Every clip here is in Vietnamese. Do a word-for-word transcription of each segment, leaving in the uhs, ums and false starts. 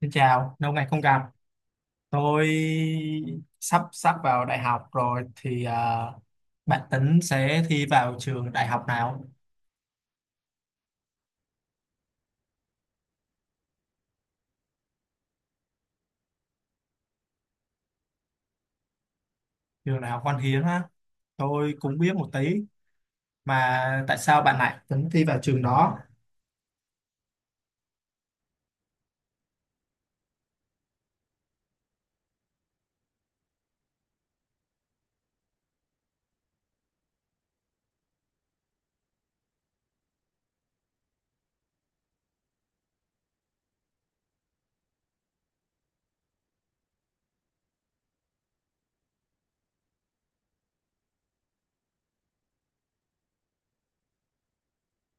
Xin chào, lâu ngày không gặp. Tôi sắp sắp vào đại học rồi thì à, bạn tính sẽ thi vào trường đại học nào? Trường đại học Văn Hiến á. Tôi cũng biết một tí mà tại sao bạn lại tính thi vào trường đó?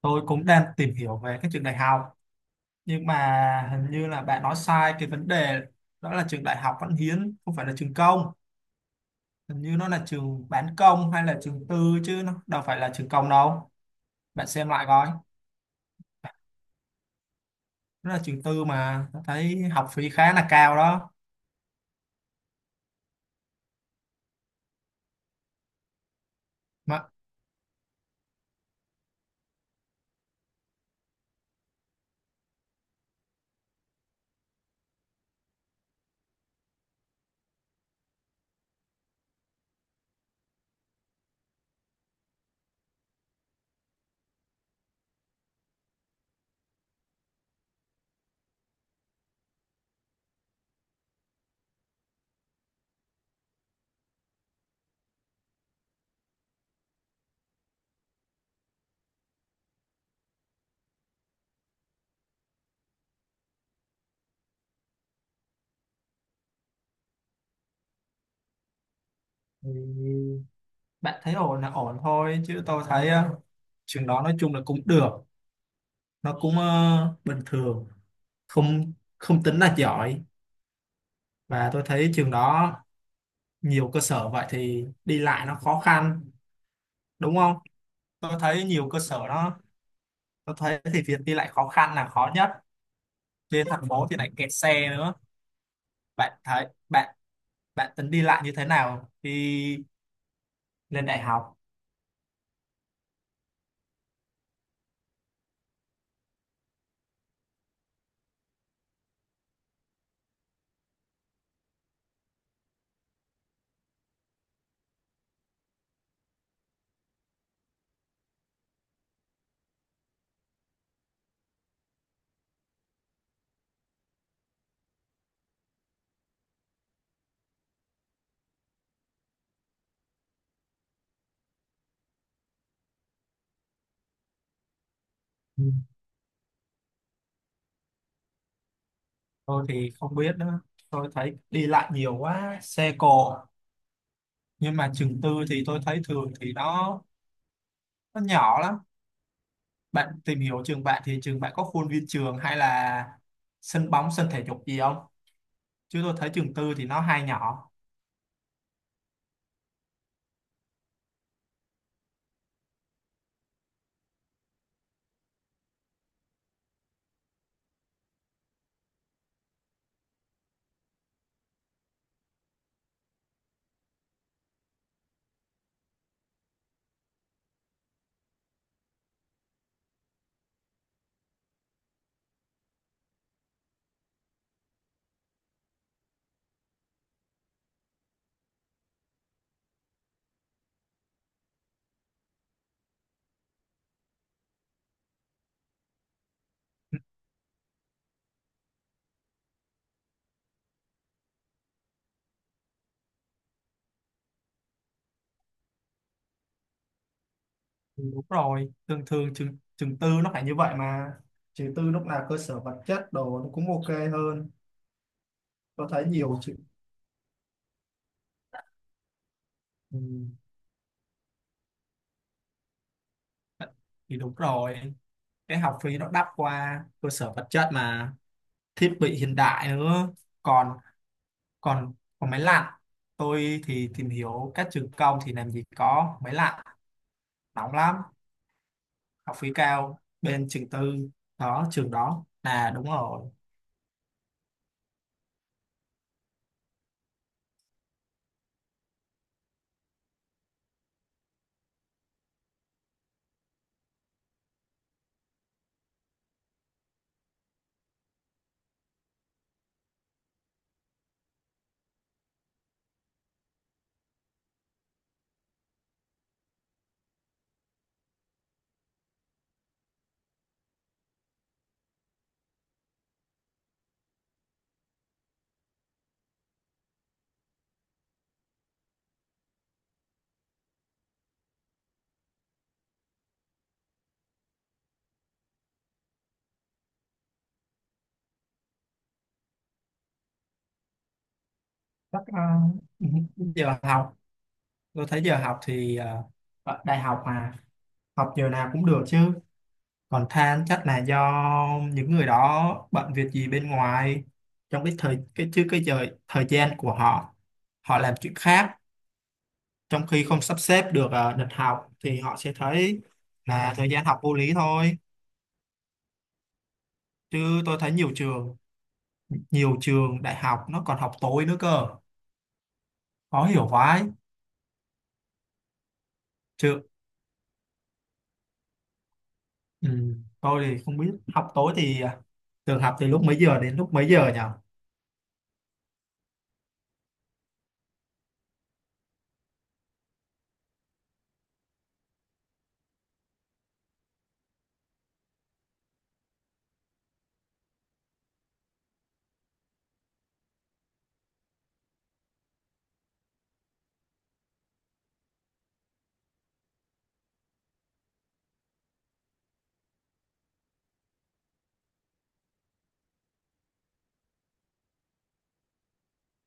Tôi cũng đang tìm hiểu về các trường đại học nhưng mà hình như là bạn nói sai cái vấn đề, đó là trường đại học Văn Hiến không phải là trường công. Hình như nó là trường bán công hay là trường tư chứ nó đâu phải là trường công đâu. Bạn xem lại coi. Nó là trường tư mà nó thấy học phí khá là cao đó mà thì bạn thấy ổn là ổn thôi chứ tôi thấy ờ, trường đó nói chung là cũng được, nó cũng ờ, bình thường, không không tính là giỏi. Và tôi thấy trường đó nhiều cơ sở vậy thì đi lại nó khó khăn đúng không, tôi thấy nhiều cơ sở đó, tôi thấy thì việc đi lại khó khăn là khó nhất, trên thành phố thì lại kẹt xe nữa. Bạn thấy bạn bạn tính đi lại như thế nào khi lên đại học? Tôi thì không biết nữa. Tôi thấy đi lại nhiều quá, xe cộ. Nhưng mà trường tư thì tôi thấy thường thì nó nó nhỏ lắm. Bạn tìm hiểu trường bạn thì trường bạn có khuôn viên trường hay là sân bóng, sân thể dục gì không? Chứ tôi thấy trường tư thì nó hay nhỏ. Ừ, đúng rồi, thường thường trường, trường tư nó phải như vậy mà. Trường tư lúc nào cơ sở vật chất đồ nó cũng ok hơn. Tôi thấy nhiều trường... Ừ. Thì đúng rồi, cái học phí nó đắt qua cơ sở vật chất mà, thiết bị hiện đại nữa, còn còn còn máy lạnh. Tôi thì tìm hiểu các trường công thì làm gì có máy lạnh, nóng lắm. Học phí cao bên trường tư, đó trường đó là đúng rồi. Chắc, ờ, giờ học tôi thấy giờ học thì ờ, ở đại học mà, học giờ nào cũng được chứ. Còn than chắc là do những người đó bận việc gì bên ngoài, trong cái thời cái chứ cái giờ thời gian của họ, họ làm chuyện khác, trong khi không sắp xếp được à, lịch học thì họ sẽ thấy là thời gian học vô lý thôi. Chứ tôi thấy nhiều trường, nhiều trường đại học nó còn học tối nữa cơ, khó hiểu vãi. Chứ ừ, tôi thì không biết học tối thì à, trường học từ lúc mấy giờ đến lúc mấy giờ nhỉ?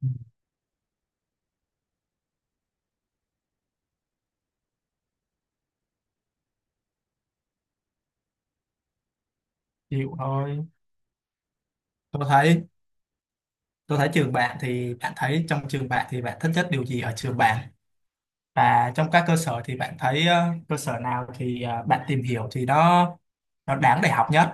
Ừ, chịu thôi. Tôi thấy tôi thấy trường bạn thì bạn thấy trong trường bạn thì bạn thích nhất điều gì ở trường bạn, và trong các cơ sở thì bạn thấy ờ, cơ sở nào thì ờ, bạn tìm hiểu thì nó nó đáng để học nhất?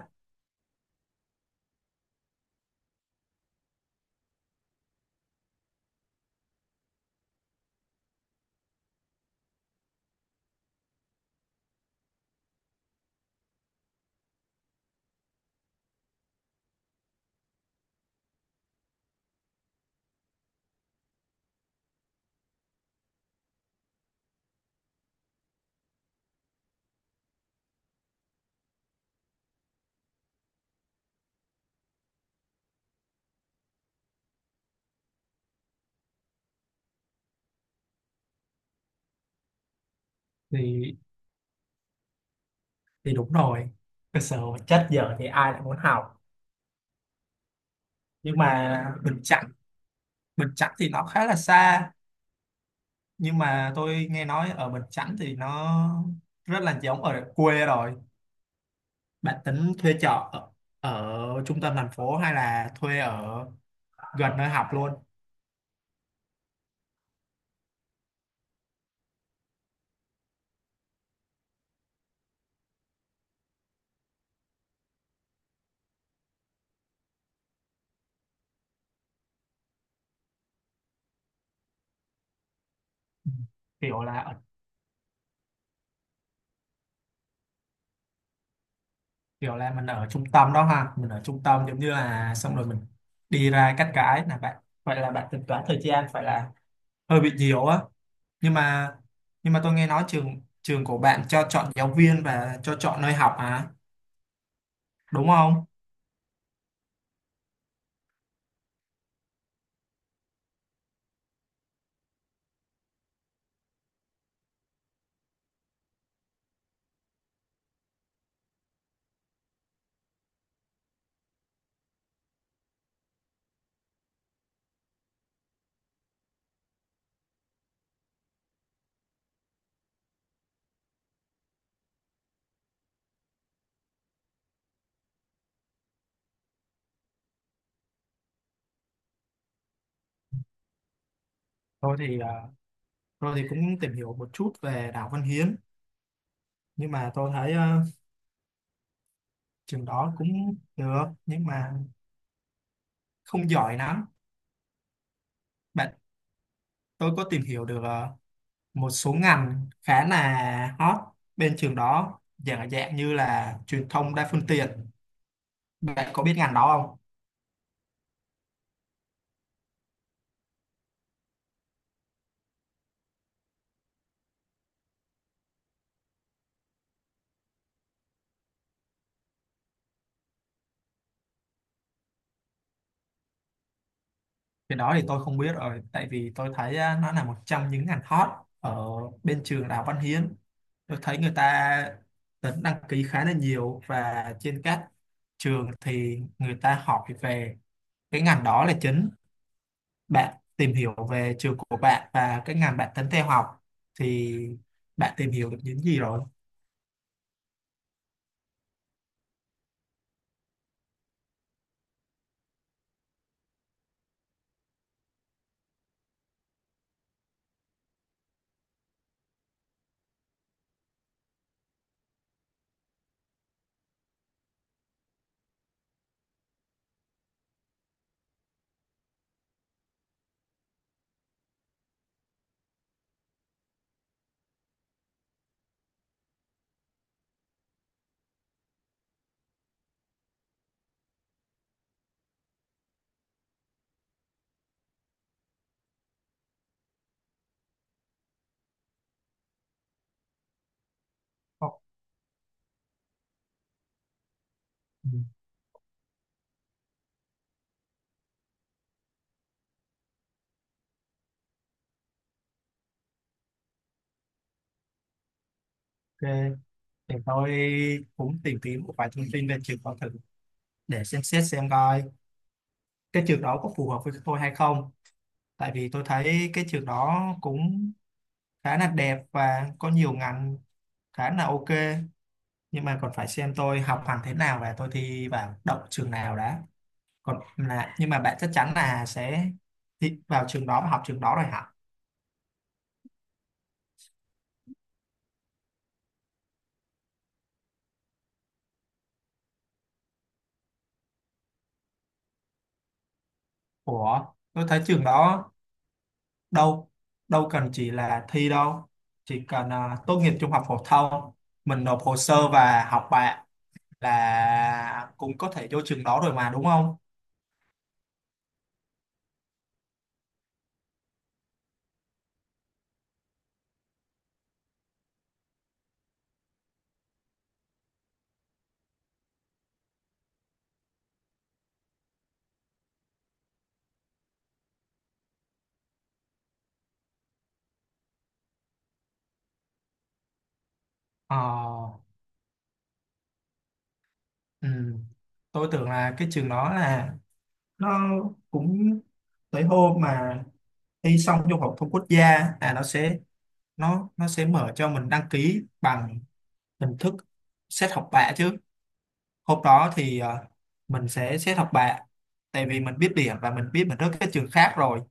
Thì thì đúng rồi, cơ sở vật chất giờ thì ai lại muốn học. Nhưng mà Bình Chánh Bình Chánh thì nó khá là xa, nhưng mà tôi nghe nói ở Bình Chánh thì nó rất là giống ở quê rồi. Bạn tính thuê trọ ở, ở trung tâm thành phố hay là thuê ở gần nơi học luôn? Ừ. kiểu là ở- Kiểu là mình ở trung tâm đó ha, mình ở trung tâm giống như là xong rồi mình đi ra cắt cái là bạn, vậy là bạn tính toán thời gian phải là hơi bị nhiều á. Nhưng mà nhưng mà tôi nghe nói trường trường của bạn cho chọn giáo viên và cho chọn nơi học à, đúng không? Tôi thì à, tôi thì cũng tìm hiểu một chút về Đào Văn Hiến, nhưng mà tôi thấy ờ, trường đó cũng được nhưng mà không giỏi lắm bạn. Tôi có tìm hiểu được ờ, một số ngành khá là hot bên trường đó, dạng dạng như là truyền thông đa phương tiện. Bạn có biết ngành đó không? Cái đó thì tôi không biết rồi, tại vì tôi thấy á, nó là một trong những ngành hot ở bên trường Đại học Văn Hiến. Tôi thấy người ta tính đăng ký khá là nhiều, và trên các trường thì người ta hỏi về cái ngành đó là chính. Bạn tìm hiểu về trường của bạn và cái ngành bạn tính theo học thì bạn tìm hiểu được những gì rồi? Ok, để tôi cũng tìm kiếm một vài thông tin về trường con thử, để xem xét xem coi cái trường đó có phù hợp với tôi hay không. Tại vì tôi thấy cái trường đó cũng khá là đẹp và có nhiều ngành khá là ok, nhưng mà còn phải xem tôi học hành thế nào và tôi thi vào đậu trường nào đã. Còn là nhưng mà bạn chắc chắn là sẽ thi vào trường đó và học trường đó rồi hả? Ủa, tôi thấy trường đó đâu đâu cần chỉ là thi đâu, chỉ cần à, tốt nghiệp trung học phổ thông mình nộp hồ sơ và học bạ là cũng có thể vô trường đó rồi mà đúng không? Ờ. Ừ. Tôi tưởng là cái trường đó là nó cũng tới hôm mà thi xong trung học thông quốc gia là nó sẽ nó nó sẽ mở cho mình đăng ký bằng hình thức xét học bạ chứ. Hôm đó thì ờ, mình sẽ xét học bạ, tại vì mình biết điểm và mình biết mình rớt các trường khác rồi,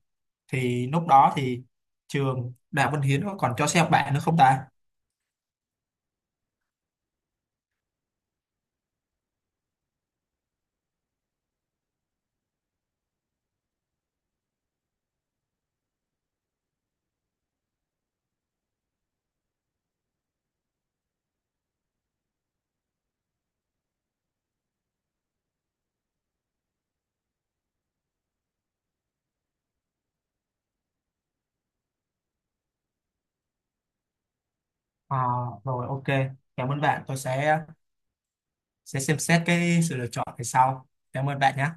thì lúc đó thì trường Đại học Văn Hiến nó còn cho xét học bạ nữa không ta? Ờ, rồi ok, cảm ơn bạn, tôi sẽ sẽ xem xét cái sự lựa chọn về sau. Cảm ơn bạn nhé.